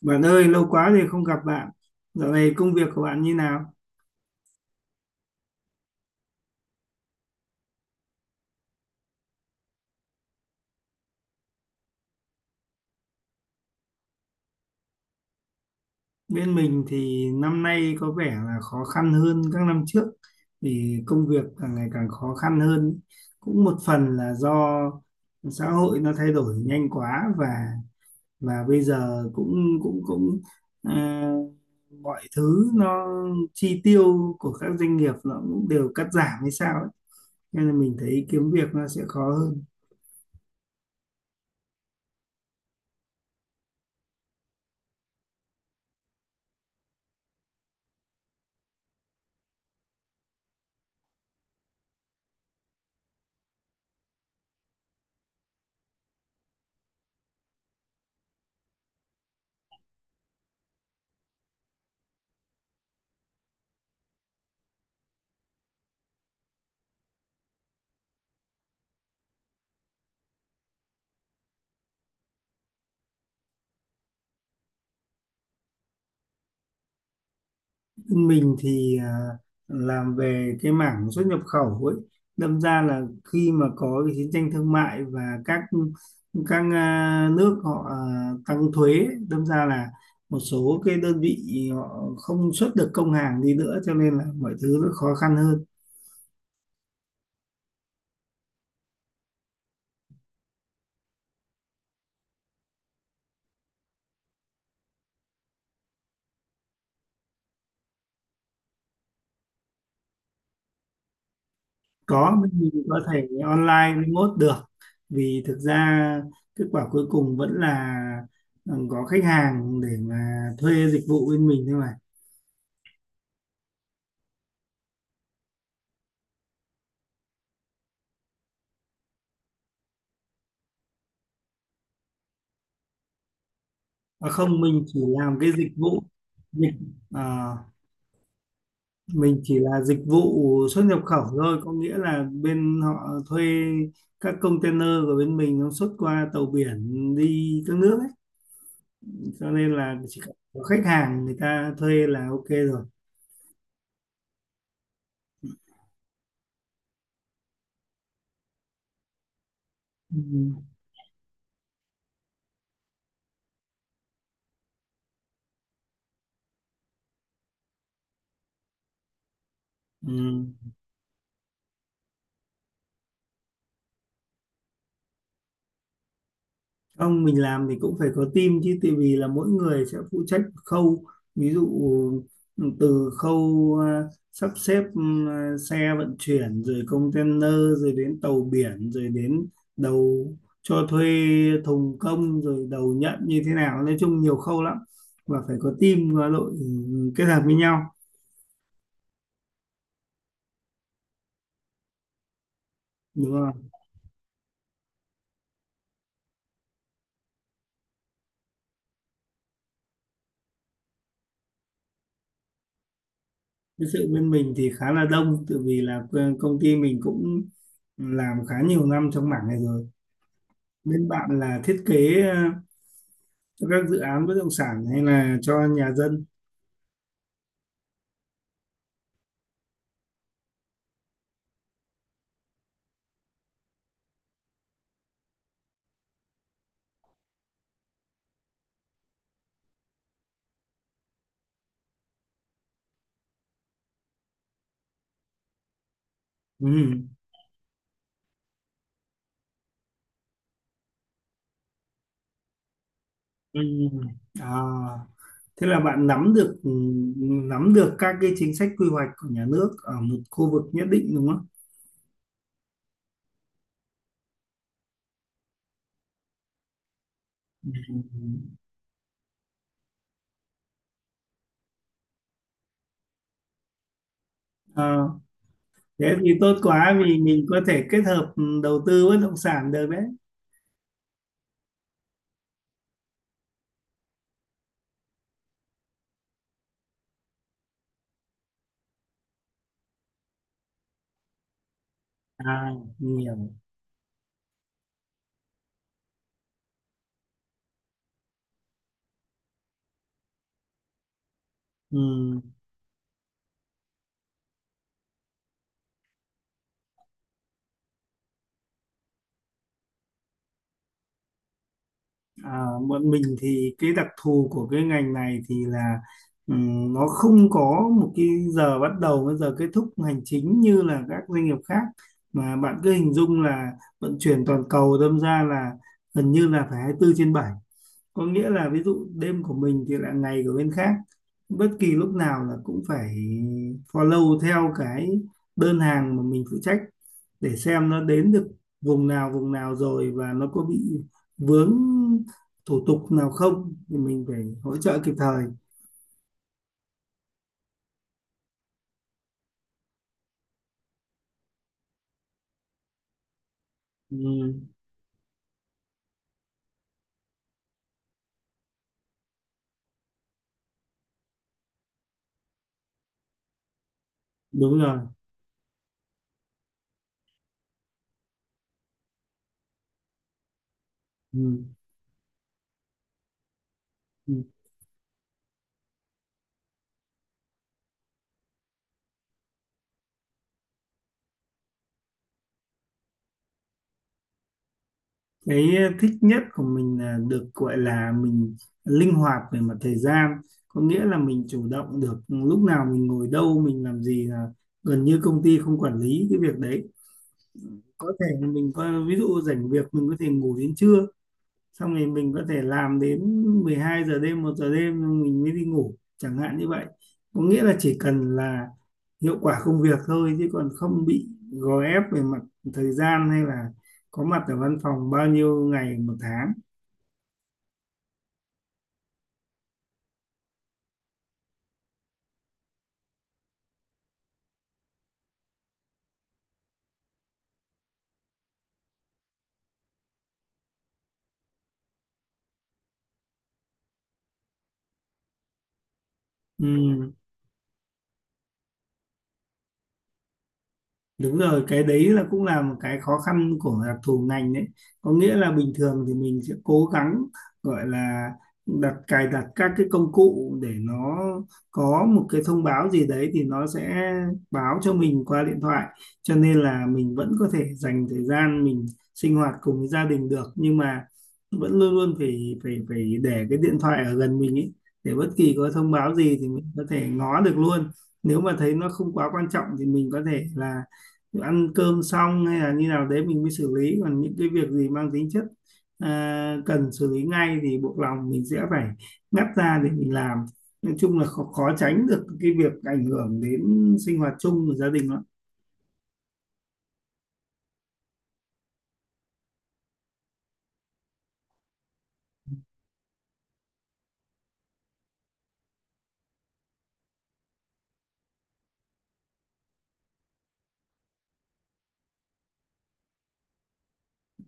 Bạn ơi, lâu quá rồi không gặp bạn. Dạo này công việc của bạn như nào? Bên mình thì năm nay có vẻ là khó khăn hơn các năm trước vì công việc càng ngày càng khó khăn hơn. Cũng một phần là do xã hội nó thay đổi nhanh quá và bây giờ cũng cũng cũng à, mọi thứ nó chi tiêu của các doanh nghiệp nó cũng đều cắt giảm hay sao ấy. Nên là mình thấy kiếm việc nó sẽ khó hơn. Mình thì làm về cái mảng xuất nhập khẩu ấy, đâm ra là khi mà có cái chiến tranh thương mại và các nước họ tăng thuế ấy, đâm ra là một số cái đơn vị họ không xuất được công hàng đi nữa, cho nên là mọi thứ nó khó khăn hơn. Có, mình có thể online remote được. Vì thực ra kết quả cuối cùng vẫn là có khách hàng để mà thuê dịch vụ bên mình thôi mà. À, không, mình chỉ làm cái dịch vụ. dịch à, mình chỉ là dịch vụ xuất nhập khẩu thôi, có nghĩa là bên họ thuê các container của bên mình nó xuất qua tàu biển đi các nước ấy, cho nên là chỉ cần có khách hàng người ta thuê là ok rồi. Ừ. Ừ. Không, mình làm thì cũng phải có team chứ, tại vì là mỗi người sẽ phụ trách một khâu. Ví dụ từ khâu sắp xếp xe vận chuyển, rồi container, rồi đến tàu biển, rồi đến đầu cho thuê thùng công, rồi đầu nhận như thế nào, nói chung nhiều khâu lắm, và phải có team và đội kết hợp với nhau, đúng không? Cái sự bên mình thì khá là đông, tại vì là công ty mình cũng làm khá nhiều năm trong mảng này rồi. Bên bạn là thiết kế cho các dự án bất động sản hay là cho nhà dân? Ừ. Ừ. À, thế là bạn nắm được các cái chính sách quy hoạch của nhà nước ở một khu vực nhất định, đúng không? Ờ, thế thì tốt quá, vì mình có thể kết hợp đầu tư bất động sản được đấy. À, mình hiểu. Ừ. À, bọn mình thì cái đặc thù của cái ngành này thì là nó không có một cái giờ bắt đầu với giờ kết thúc hành chính như là các doanh nghiệp khác, mà bạn cứ hình dung là vận chuyển toàn cầu, đâm ra là gần như là phải 24 trên bảy. Có nghĩa là ví dụ đêm của mình thì là ngày của bên khác, bất kỳ lúc nào là cũng phải follow theo cái đơn hàng mà mình phụ trách để xem nó đến được vùng nào rồi và nó có bị vướng thủ tục nào không, thì mình phải hỗ trợ kịp thời. Ừ, đúng rồi. Ừ. Ừ. Cái thích nhất của mình là được gọi là mình linh hoạt về mặt thời gian, có nghĩa là mình chủ động được lúc nào mình ngồi đâu mình làm gì, là gần như công ty không quản lý cái việc đấy. Có thể là mình có ví dụ rảnh việc mình có thể ngủ đến trưa, xong rồi mình có thể làm đến 12 giờ đêm, 1 giờ đêm xong mình mới đi ngủ, chẳng hạn như vậy. Có nghĩa là chỉ cần là hiệu quả công việc thôi, chứ còn không bị gò ép về mặt thời gian hay là có mặt ở văn phòng bao nhiêu ngày một tháng. Ừ. Đúng rồi, cái đấy là cũng là một cái khó khăn của đặc thù ngành đấy. Có nghĩa là bình thường thì mình sẽ cố gắng gọi là đặt cài đặt các cái công cụ, để nó có một cái thông báo gì đấy thì nó sẽ báo cho mình qua điện thoại. Cho nên là mình vẫn có thể dành thời gian mình sinh hoạt cùng với gia đình được, nhưng mà vẫn luôn luôn phải phải phải để cái điện thoại ở gần mình ấy, để bất kỳ có thông báo gì thì mình có thể ngó được luôn. Nếu mà thấy nó không quá quan trọng thì mình có thể là ăn cơm xong hay là như nào đấy mình mới xử lý, còn những cái việc gì mang tính chất cần xử lý ngay thì buộc lòng mình sẽ phải ngắt ra để mình làm. Nói chung là khó, khó tránh được cái việc ảnh hưởng đến sinh hoạt chung của gia đình đó.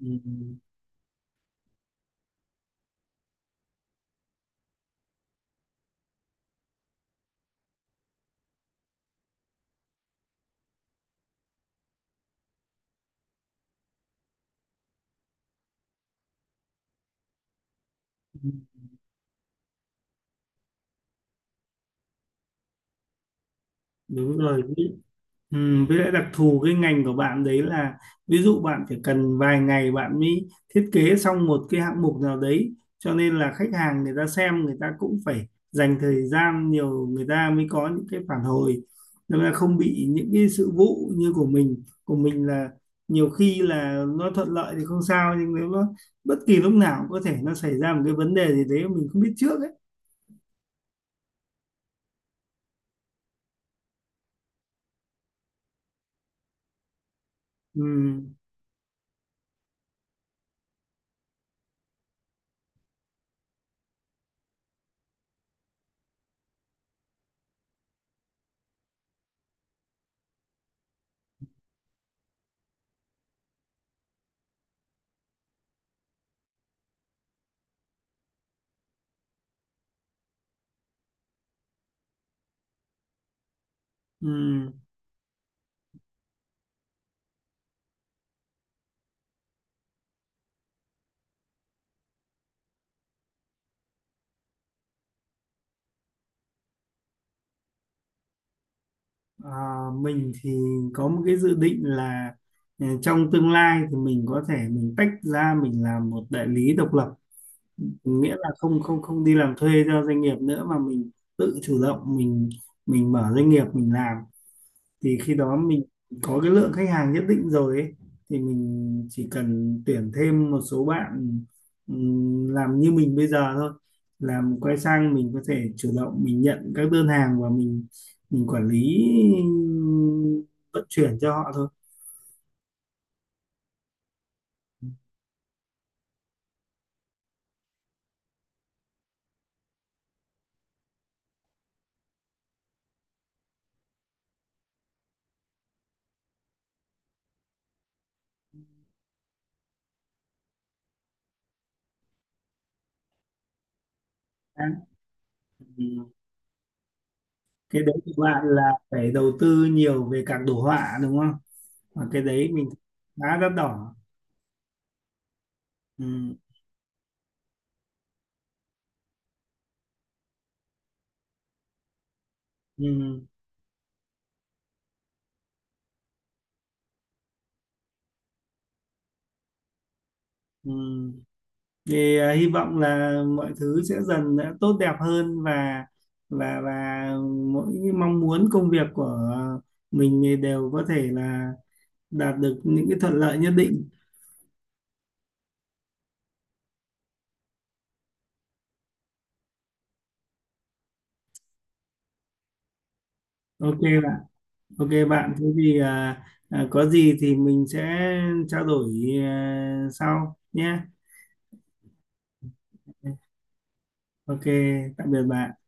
Ừ. Đúng rồi. Ừ, với lại đặc thù cái ngành của bạn đấy là ví dụ bạn phải cần vài ngày bạn mới thiết kế xong một cái hạng mục nào đấy, cho nên là khách hàng người ta xem, người ta cũng phải dành thời gian nhiều người ta mới có những cái phản hồi, nên là không bị những cái sự vụ như của mình là nhiều khi là nó thuận lợi thì không sao, nhưng nếu nó bất kỳ lúc nào cũng có thể nó xảy ra một cái vấn đề gì đấy mà mình không biết trước ấy. Ừ. Ừ. Ờ, mình thì có một cái dự định là trong tương lai thì mình có thể mình tách ra mình làm một đại lý độc lập, nghĩa là không không không đi làm thuê cho doanh nghiệp nữa, mà mình tự chủ động mình mở doanh nghiệp mình làm. Thì khi đó mình có cái lượng khách hàng nhất định rồi ấy, thì mình chỉ cần tuyển thêm một số bạn làm như mình bây giờ thôi, làm quay sang mình có thể chủ động mình nhận các đơn hàng và mình quản lý ừm, vận chuyển cho họ thôi. Đã. Ừm, cái đấy của bạn là phải đầu tư nhiều về các đồ họa, đúng không? Và cái đấy mình khá đắt đỏ. Ừm. Ừm. Ừm. Thì hy vọng là mọi thứ sẽ dần đã tốt đẹp hơn và và và mỗi mong muốn công việc của mình thì đều có thể là đạt được những cái thuận lợi nhất định. Ok bạn. Ok bạn, thế thì có gì thì mình sẽ trao đổi sau nhé. Ok, tạm biệt bạn.